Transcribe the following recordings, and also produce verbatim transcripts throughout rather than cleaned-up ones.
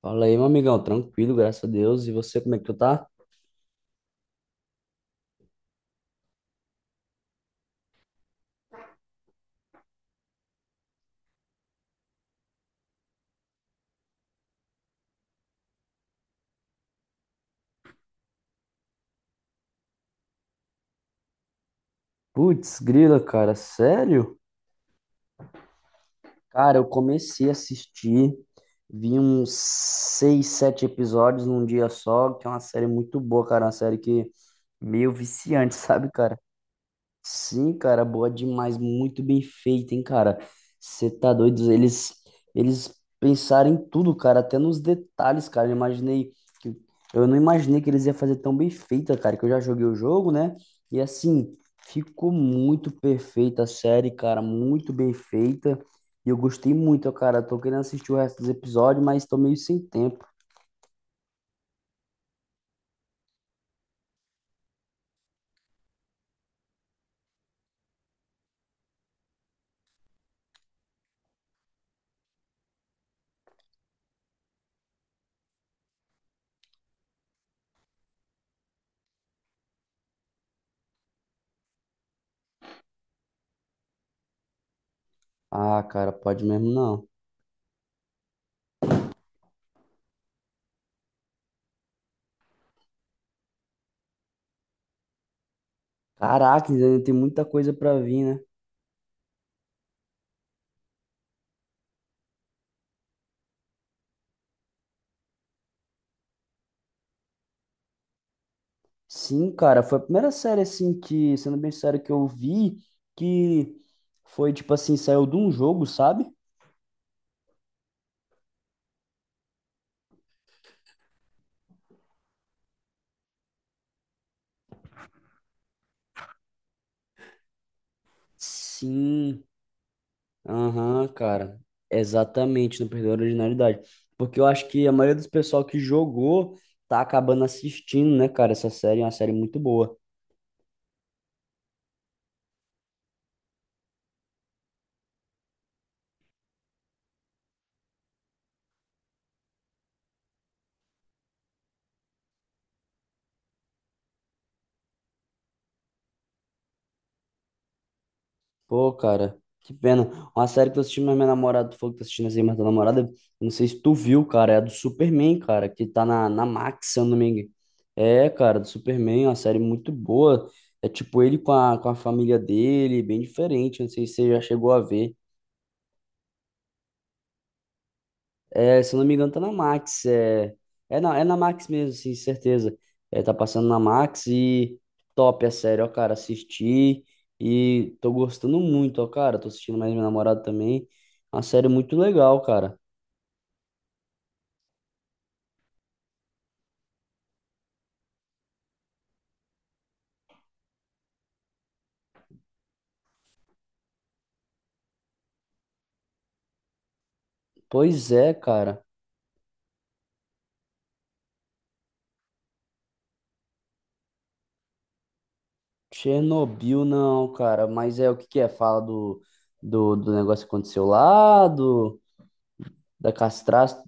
Fala aí, meu amigão, tranquilo, graças a Deus. E você, como é que tu tá? Putz, grila, cara, sério? Cara, eu comecei a assistir, vi uns seis, sete episódios num dia só, que é uma série muito boa, cara, uma série que meio viciante, sabe, cara? Sim, cara, boa demais, muito bem feita, hein, cara. Você tá doido? Eles, eles pensaram em tudo, cara, até nos detalhes, cara. Eu imaginei que, eu não imaginei que eles iam fazer tão bem feita, cara, que eu já joguei o jogo, né? E assim, ficou muito perfeita a série, cara, muito bem feita. E eu gostei muito, ó, cara. Tô querendo assistir o resto dos episódios, mas tô meio sem tempo. Ah, cara, pode mesmo não. Caraca, ainda tem muita coisa pra vir, né? Sim, cara, foi a primeira série assim que, sendo bem sério, que eu vi que foi tipo assim, saiu de um jogo, sabe? Sim, aham, cara. Exatamente, não perdeu a originalidade. Porque eu acho que a maioria dos pessoal que jogou tá acabando assistindo, né, cara? Essa série é uma série muito boa. Pô, cara, que pena. Uma série que eu assisti, mas minha namorada, tu falou que tá assistindo assim, mas tua namorada, eu não sei se tu viu, cara, é a do Superman, cara, que tá na, na Max, se eu não me engano. É, cara, do Superman, é uma série muito boa. É tipo ele com a, com a família dele, bem diferente, não sei se você já chegou a ver. É, se eu não me engano, tá na Max. É, é, na, é na Max mesmo, sim, certeza. É, tá passando na Max e top, é sério, ó, cara, assisti e tô gostando muito, ó, cara. Tô assistindo mais minha namorada também. Uma série muito legal, cara. Pois é, cara. Chernobyl não, cara, mas é o que que é? Fala do, do, do negócio que aconteceu lá, do, da castração.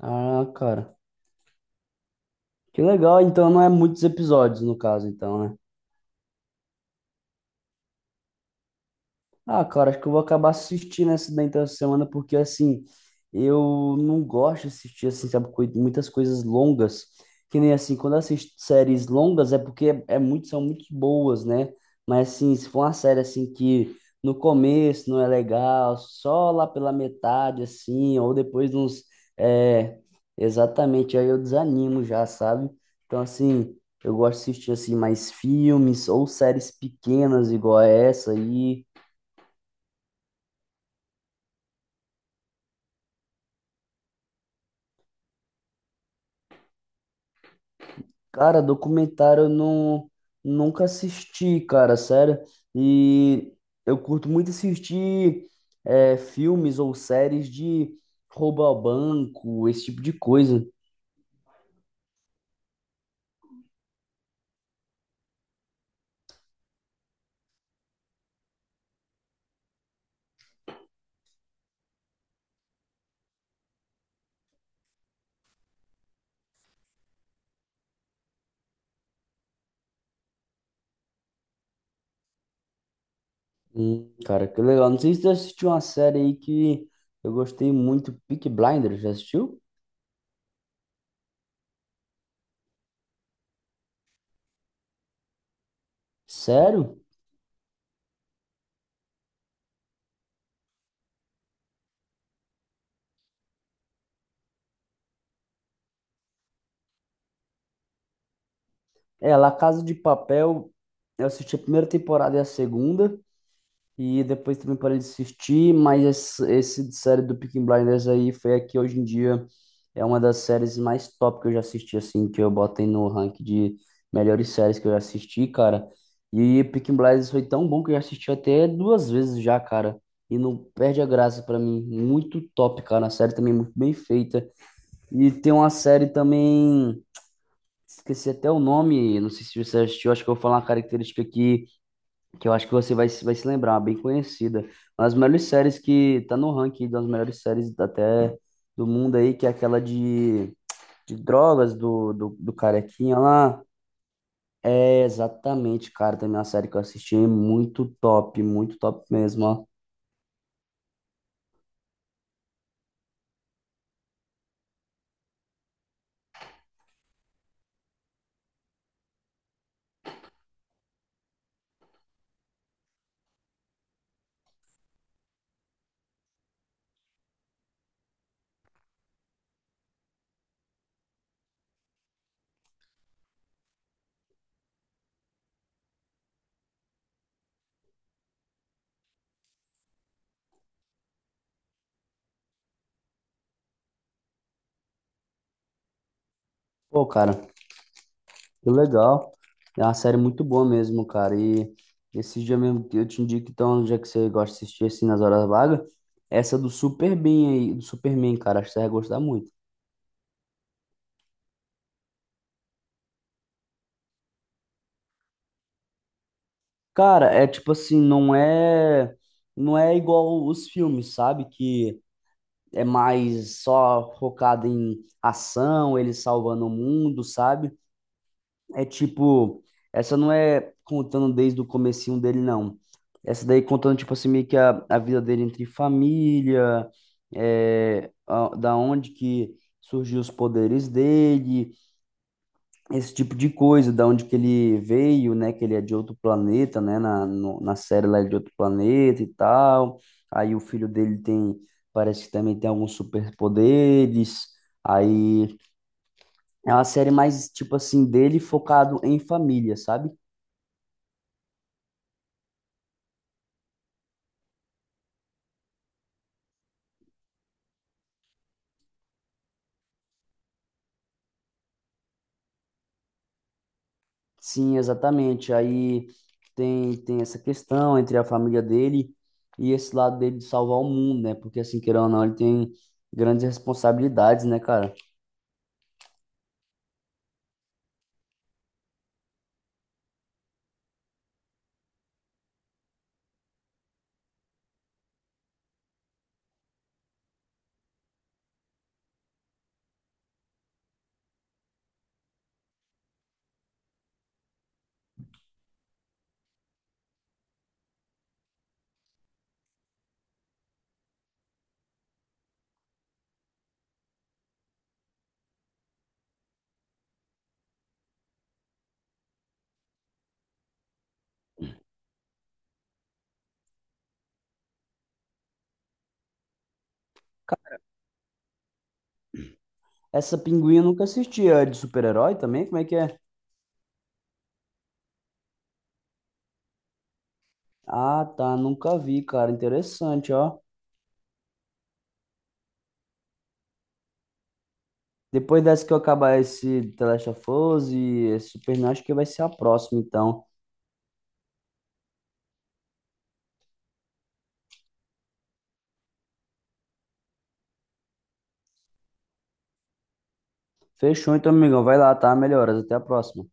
Ah, cara. Que legal, então não é muitos episódios no caso, então, né? Ah, cara, acho que eu vou acabar assistindo essa da então essa semana, porque assim, eu não gosto de assistir, assim, sabe, coi- muitas coisas longas, que nem assim, quando eu assisto séries longas é porque é, é muito, são muito boas, né? Mas assim, se for uma série assim que no começo não é legal, só lá pela metade, assim, ou depois de uns, é, exatamente, aí eu desanimo já, sabe? Então assim, eu gosto de assistir assim mais filmes ou séries pequenas igual a essa aí. Cara, documentário eu não, nunca assisti, cara, sério. E eu curto muito assistir é, filmes ou séries de roubo ao banco, esse tipo de coisa. Hum, cara, que legal. Não sei se você assistiu uma série aí que eu gostei muito, Peaky Blinders, já assistiu? Sério? É, La Casa de Papel, eu assisti a primeira temporada e a segunda. E depois também parei de assistir, mas esse, esse de série do Peaky Blinders aí foi a que hoje em dia é uma das séries mais top que eu já assisti, assim, que eu botei no ranking de melhores séries que eu já assisti, cara. E Peaky Blinders foi tão bom que eu já assisti até duas vezes já, cara. E não perde a graça pra mim. Muito top, cara. A série também é muito bem feita. E tem uma série também, esqueci até o nome, não sei se você assistiu, acho que eu vou falar uma característica aqui que eu acho que você vai, se- vai se lembrar, bem conhecida. Uma das melhores séries que tá no ranking das melhores séries até do mundo aí, que é aquela de, de, drogas do, do, do carequinha lá. É, exatamente, cara, também é uma série que eu assisti, muito top, muito top mesmo, ó. Pô, cara, que legal. É uma série muito boa mesmo, cara, e esses dias mesmo, eu te indico, então, já que você gosta de assistir assim nas horas vagas, essa do Superman aí, do Superman, cara, acho que você vai gostar muito. Cara, é tipo assim, não é não é igual os filmes, sabe? Que é mais só focado em ação, eles salvando o mundo, sabe? É tipo, essa não é contando desde o comecinho dele, não. Essa daí contando, tipo assim, meio que a, a vida dele entre família, é, a- da onde que surgiu os poderes dele, esse tipo de coisa, da onde que ele veio, né, que ele é de outro planeta, né, na, no- na série lá ele é de outro planeta e tal, aí o filho dele tem, parece que também tem alguns superpoderes, aí é uma série mais, tipo assim, dele focado em família, sabe? Sim, exatamente, aí tem, tem essa questão entre a família dele e esse lado dele de salvar o mundo, né, porque assim, querendo ou não, ele tem grandes responsabilidades, né, cara? Essa Pinguim eu nunca assisti. É de super-herói também? Como é que é? Ah, tá. Nunca vi, cara. Interessante, ó. Depois dessa que eu acabar esse The Last of Us e esse Superman, acho que vai ser a próxima, então. Fechou, então, amigão. Vai lá, tá? Melhoras. Até a próxima.